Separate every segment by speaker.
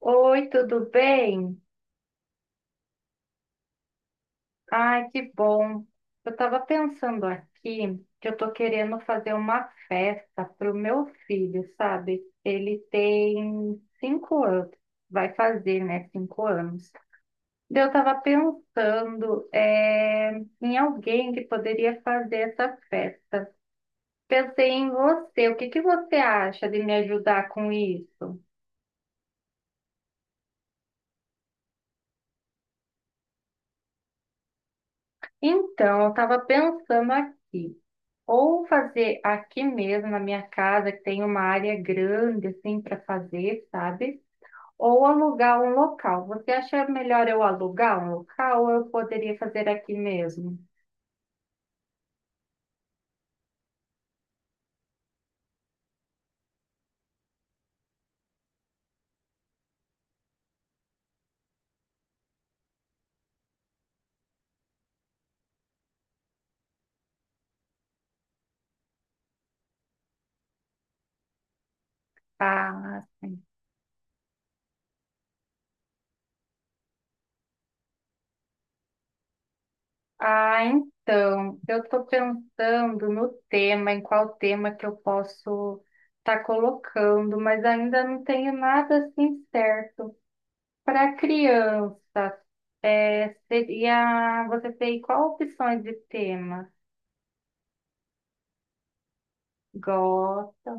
Speaker 1: Oi, tudo bem? Ai, que bom. Eu estava pensando aqui que eu estou querendo fazer uma festa para o meu filho, sabe? Ele tem 5 anos, vai fazer, né? 5 anos. Daí eu estava pensando em alguém que poderia fazer essa festa. Pensei em você. O que que você acha de me ajudar com isso? Então, eu estava pensando aqui. Ou fazer aqui mesmo na minha casa, que tem uma área grande assim para fazer, sabe? Ou alugar um local. Você acha melhor eu alugar um local ou eu poderia fazer aqui mesmo? Ah, sim. Ah, então, eu estou pensando no tema, em qual tema que eu posso estar colocando, mas ainda não tenho nada assim certo. Para criança, é, seria, você tem qual opções de tema? Gosto.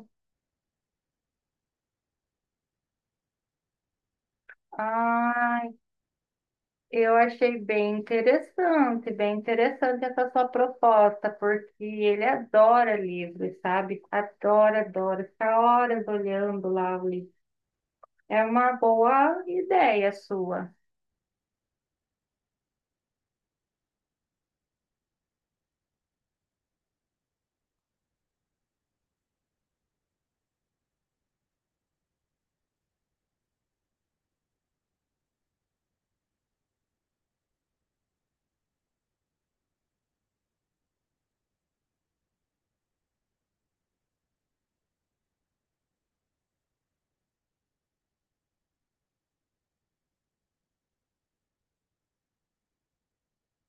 Speaker 1: Ai, eu achei bem interessante essa sua proposta, porque ele adora livros, sabe? Adora, adora, fica horas olhando lá o livro. É uma boa ideia sua.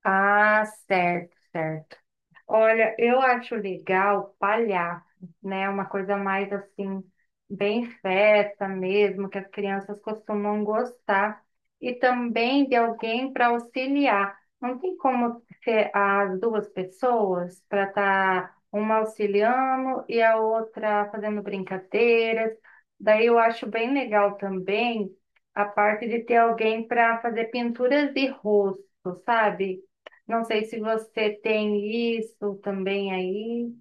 Speaker 1: Ah, certo, certo. Olha, eu acho legal palhaço, né? Uma coisa mais assim, bem festa mesmo, que as crianças costumam gostar. E também de alguém para auxiliar. Não tem como ser as duas pessoas para estar uma auxiliando e a outra fazendo brincadeiras. Daí eu acho bem legal também a parte de ter alguém para fazer pinturas de rosto, sabe? Não sei se você tem isso também aí.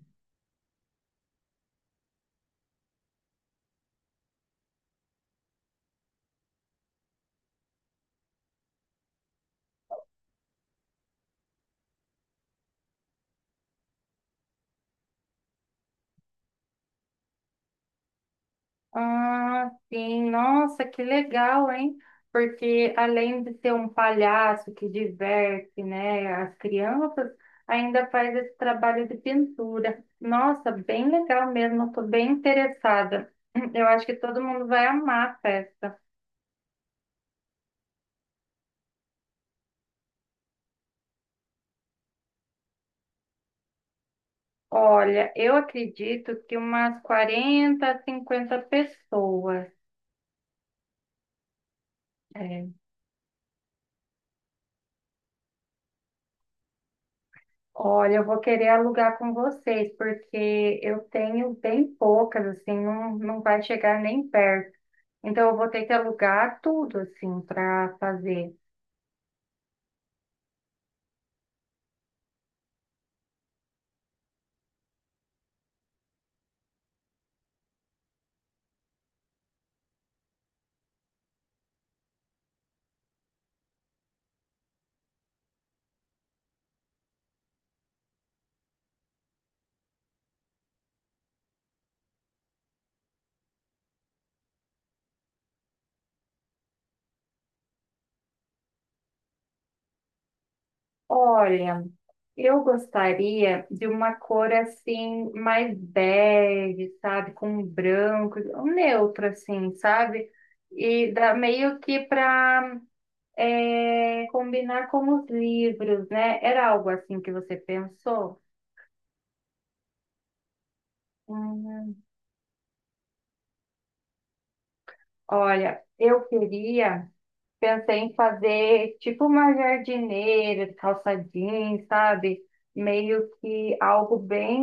Speaker 1: Ah, sim. Nossa, que legal, hein? Porque além de ser um palhaço que diverte, né, as crianças, ainda faz esse trabalho de pintura. Nossa, bem legal mesmo. Estou bem interessada. Eu acho que todo mundo vai amar a festa. Olha, eu acredito que umas 40, 50 pessoas. É, olha, eu vou querer alugar com vocês, porque eu tenho bem poucas, assim, não, não vai chegar nem perto. Então, eu vou ter que alugar tudo, assim, para fazer. Olha, eu gostaria de uma cor, assim, mais bege, sabe? Com branco, um neutro, assim, sabe? E dá meio que para combinar com os livros, né? Era algo assim que você pensou? Hum. Olha, eu queria, pensei em fazer tipo uma jardineira, calça jeans, sabe? Meio que algo bem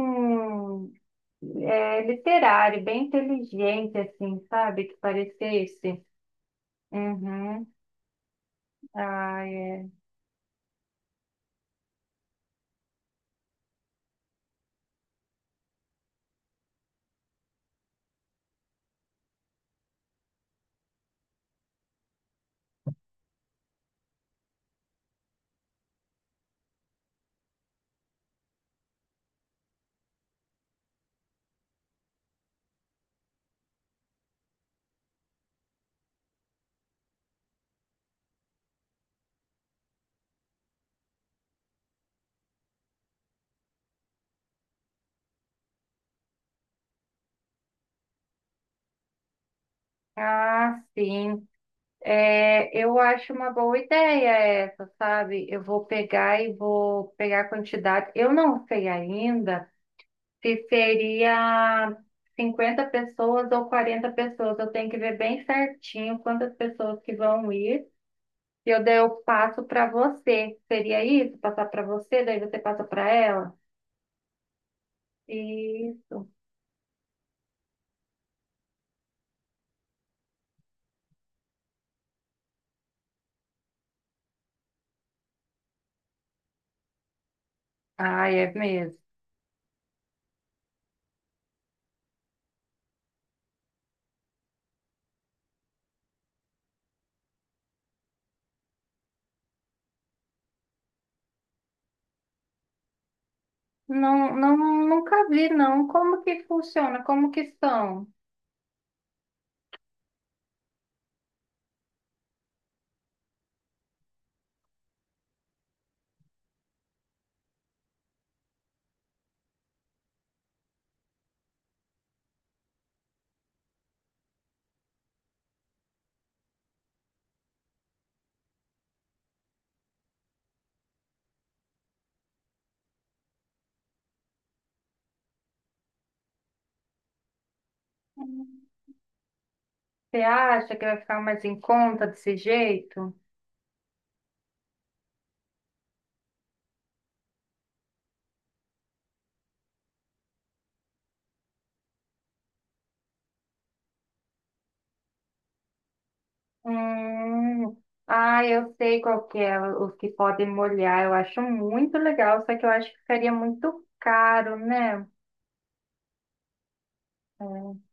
Speaker 1: literário, bem inteligente, assim, sabe? Que parecesse. Uhum. Ah, é. Ah, sim. É, eu acho uma boa ideia essa, sabe? Eu vou pegar e vou pegar a quantidade. Eu não sei ainda. Se seria 50 pessoas ou 40 pessoas, eu tenho que ver bem certinho quantas pessoas que vão ir. E eu daí eu passo para você. Seria isso? Passar para você, daí você passa para ela? Isso. Ah, é mesmo. Não, não, nunca vi, não. Como que funciona? Como que são? Você acha que vai ficar mais em conta desse jeito? Hum, ah, eu sei qual que é, os que podem molhar. Eu acho muito legal, só que eu acho que ficaria muito caro, né? É.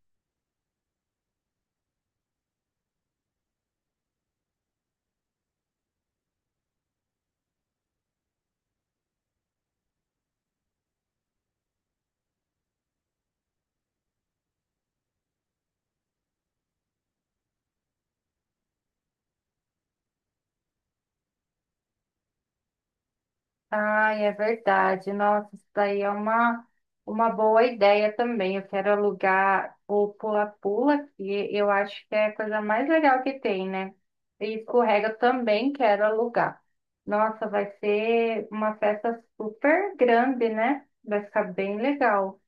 Speaker 1: Ai, é verdade. Nossa, isso daí é uma boa ideia também. Eu quero alugar o pula-pula, que eu acho que é a coisa mais legal que tem, né? E escorrega eu também quero alugar. Nossa, vai ser uma festa super grande, né? Vai ficar bem legal.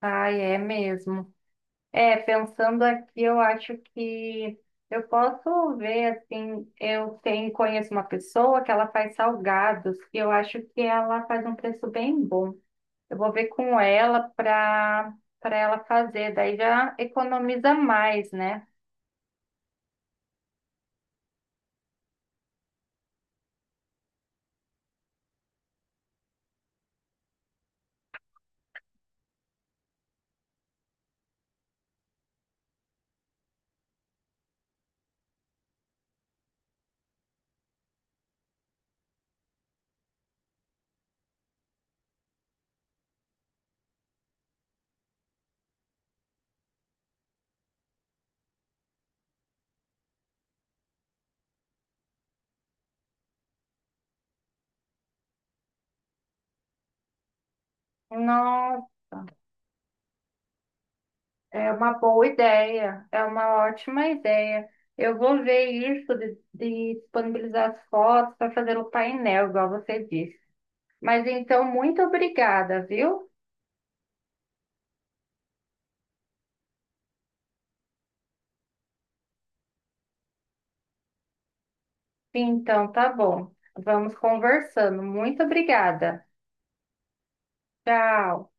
Speaker 1: Ai, é mesmo. É, pensando aqui, eu acho que eu posso ver, assim, eu tenho, conheço uma pessoa que ela faz salgados e eu acho que ela faz um preço bem bom. Eu vou ver com ela para ela fazer, daí já economiza mais, né? Não, é uma boa ideia, é uma ótima ideia. Eu vou ver isso de disponibilizar as fotos para fazer o painel, igual você disse. Mas então, muito obrigada, viu? Então, tá bom. Vamos conversando. Muito obrigada. Tchau.